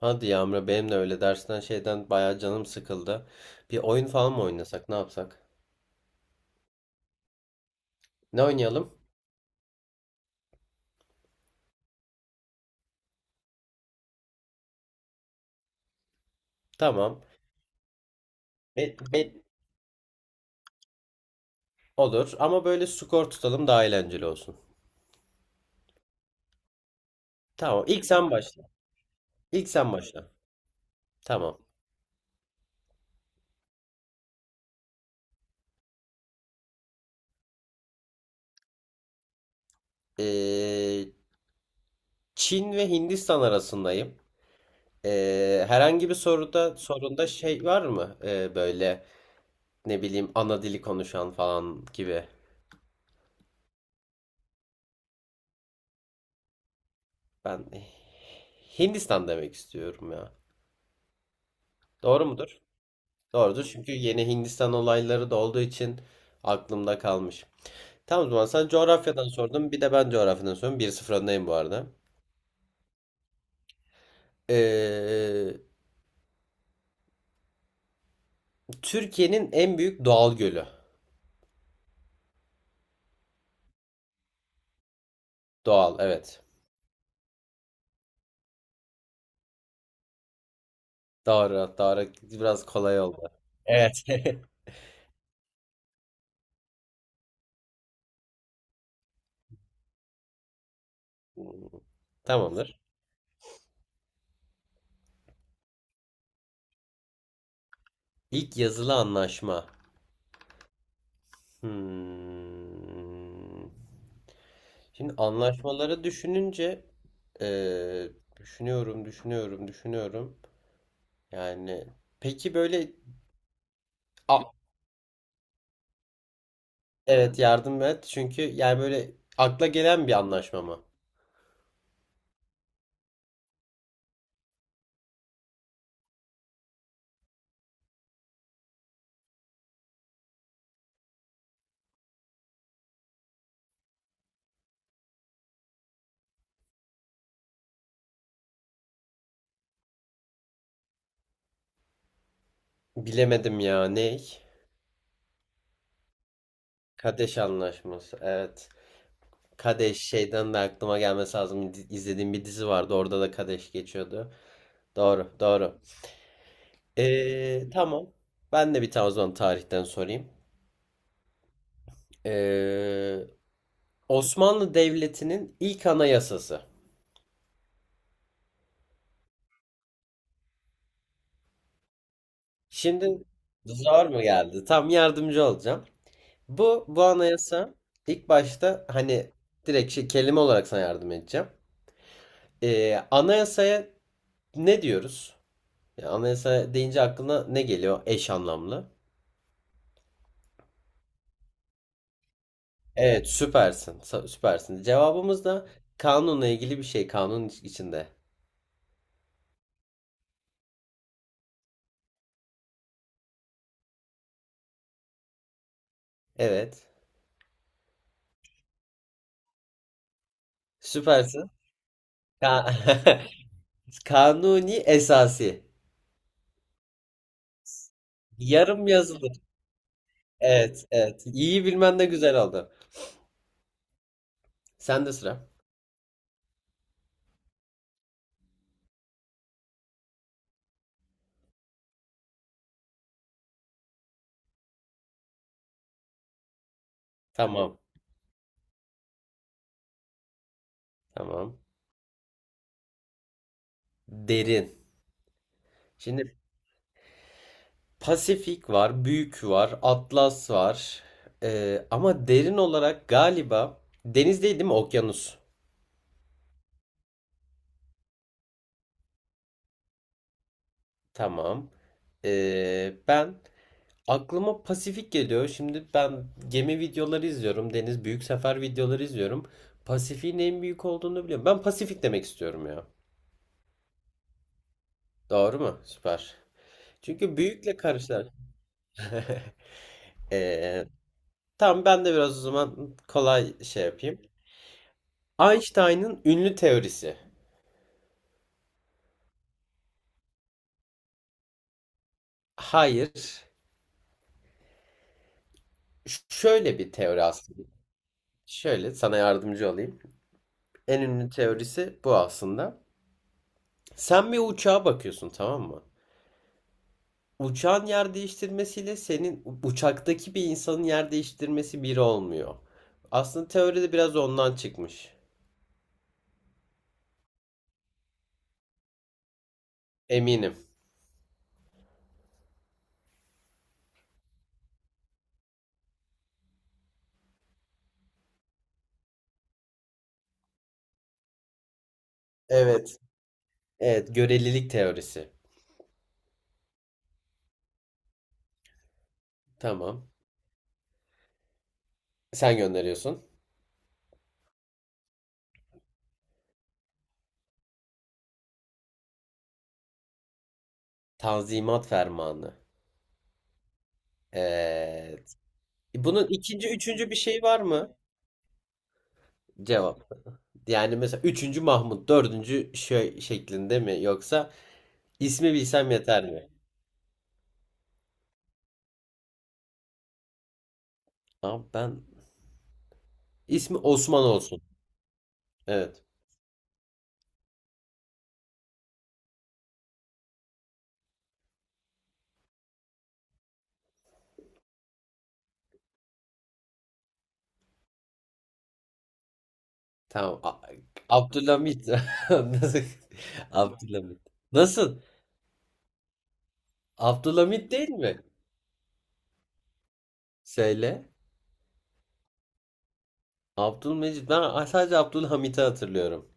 Hadi yağmura benim de öyle dersten şeyden bayağı canım sıkıldı. Bir oyun falan mı oynasak ne yapsak? Ne oynayalım? Tamam. Be, be- olur ama böyle skor tutalım daha eğlenceli olsun. Tamam ilk sen başla. İlk sen başla. Tamam. Ee, Çin ve Hindistan arasındayım. Herhangi bir sorunda şey var mı? Böyle ne bileyim ana dili konuşan falan gibi. Ben Hindistan demek istiyorum ya. Doğru mudur? Doğrudur çünkü yeni Hindistan olayları da olduğu için aklımda kalmış. Tamam, o zaman sen coğrafyadan sordun, bir de ben coğrafyadan sordum. Bir 0 öndeyim bu arada. Ee, Türkiye'nin en büyük doğal gölü. Doğal, evet. Doğru doğru, biraz kolay oldu. Evet. Tamamdır. İlk yazılı anlaşma. Hmm. Şimdi anlaşmaları düşününce eee, düşünüyorum, düşünüyorum, düşünüyorum. Yani peki böyle. a- Evet, yardım et. Çünkü yani böyle akla gelen bir anlaşma mı? Bilemedim ya, ne? Kadeş anlaşması. Evet. Kadeş şeyden de aklıma gelmesi lazım. İzlediğim bir dizi vardı. Orada da Kadeş geçiyordu. Doğru, doğru. Tamam. Ben de bir tane o zaman tarihten sorayım. Ee, Osmanlı Devleti'nin ilk anayasası. Şimdi, zor mu geldi? Tam yardımcı olacağım. Bu anayasa ilk başta hani direkt şey, kelime olarak sana yardım edeceğim. Anayasaya ne diyoruz? Yani anayasa deyince aklına ne geliyor, eş anlamlı? Evet süpersin, süpersin. Cevabımız da kanunla ilgili bir şey, kanun içinde. Evet süpersin. Ka- Kanuni esası. Yarım yazılı. Evet, evet, İyi bilmen de güzel oldu. Sen de sıra. Tamam, tamam. Derin. Şimdi Pasifik var, Büyük var, Atlas var. Ama derin olarak galiba deniz değil, değil mi? Okyanus. Tamam. Ben aklıma Pasifik geliyor. Şimdi ben gemi videoları izliyorum. Deniz büyük sefer videoları izliyorum. Pasifik'in en büyük olduğunu biliyorum. Ben Pasifik demek istiyorum ya. Doğru mu? Süper. Çünkü büyükle karışlar. Ee, tamam ben de biraz o zaman kolay şey yapayım. Einstein'ın ünlü teorisi. Hayır. Şöyle bir teori aslında. Şöyle sana yardımcı olayım. En ünlü teorisi bu aslında. Sen bir uçağa bakıyorsun, tamam mı? Uçağın yer değiştirmesiyle senin uçaktaki bir insanın yer değiştirmesi biri olmuyor. Aslında teoride biraz ondan çıkmış. Eminim. Evet. Evet, görelilik teorisi. Tamam. Sen gönderiyorsun. Tanzimat fermanı. Evet. Bunun ikinci, üçüncü bir şey var mı? Cevap. Yani mesela üçüncü Mahmut, dördüncü şey şeklinde mi, yoksa ismi bilsem yeter mi? Abi ben, ismi Osman olsun. Evet. Tamam. Abdülhamit. Nasıl? Abdülhamit. Nasıl? Abdülhamit değil mi? Söyle. Abdülmecid. Ben sadece Abdülhamit'i hatırlıyorum.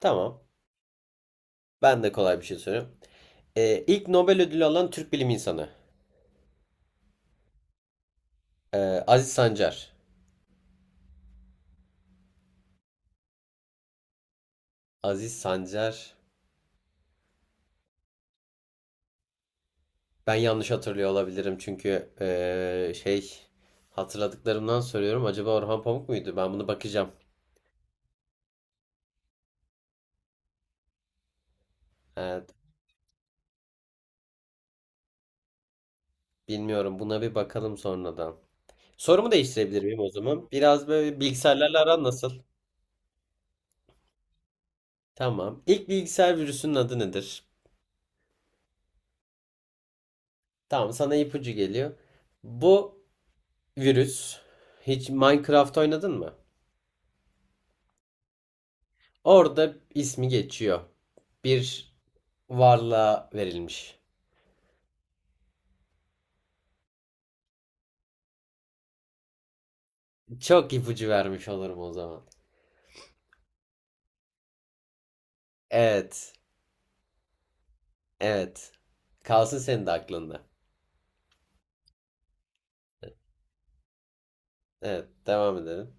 Tamam. Ben de kolay bir şey soruyorum. İlk Nobel ödülü alan Türk bilim insanı. Ee, Aziz Sancar. Aziz Sancar. Ben yanlış hatırlıyor olabilirim çünkü şey, hatırladıklarımdan söylüyorum. Acaba Orhan Pamuk muydu? Ben bunu bakacağım. Evet, bilmiyorum. Buna bir bakalım sonradan. Sorumu değiştirebilir miyim o zaman? Biraz böyle bilgisayarlarla aran nasıl? Tamam. İlk bilgisayar virüsünün adı nedir? Tamam, sana ipucu geliyor. Bu virüs, hiç Minecraft oynadın mı? Orada ismi geçiyor. Bir varlığa verilmiş. Çok ipucu vermiş olurum o zaman. Evet. Evet. Kalsın senin de aklında. Evet, devam edelim.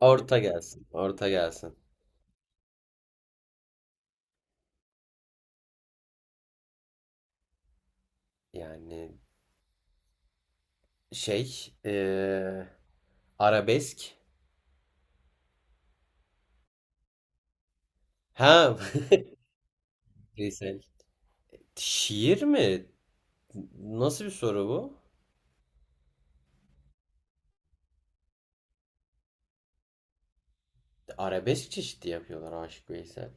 Orta gelsin. Orta gelsin. Yani şey, arabesk. Ha. Lisel. Şiir mi? Nasıl bir soru bu? Arabesk çeşidi yapıyorlar Aşık Veysel.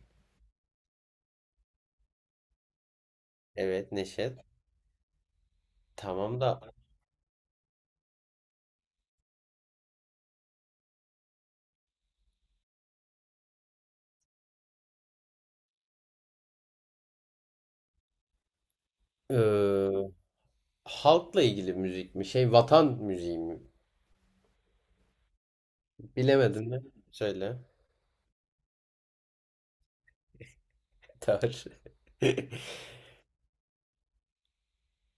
Evet, Neşet. Tamam da eee, halkla ilgili müzik mi? Şey, vatan müziği mi? Bilemedim de. Söyle. Tar.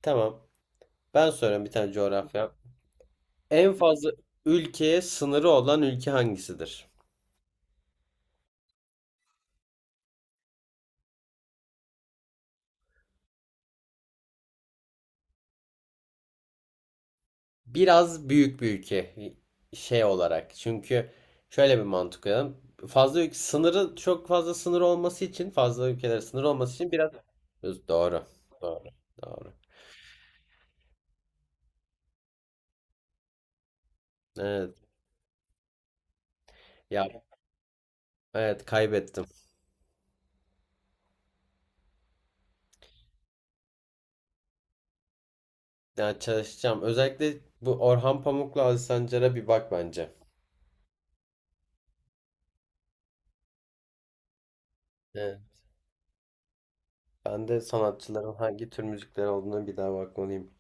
Tamam. Ben soruyorum bir tane coğrafya. En fazla ülkeye sınırı olan ülke hangisidir? Biraz büyük bir ülke şey olarak. Çünkü şöyle bir mantık koyalım. Fazla ülke sınırı, çok fazla sınır olması için, fazla ülkelere sınır olması için biraz doğru. Doğru. Doğru. Evet. Ya, evet kaybettim. Ya, çalışacağım. Özellikle bu Orhan Pamuk'la Aziz Sancar'a bir bak bence. Evet. Ben de sanatçıların hangi tür müzikleri olduğuna bir daha bakmalıyım.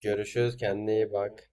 Görüşürüz. Kendine iyi bak.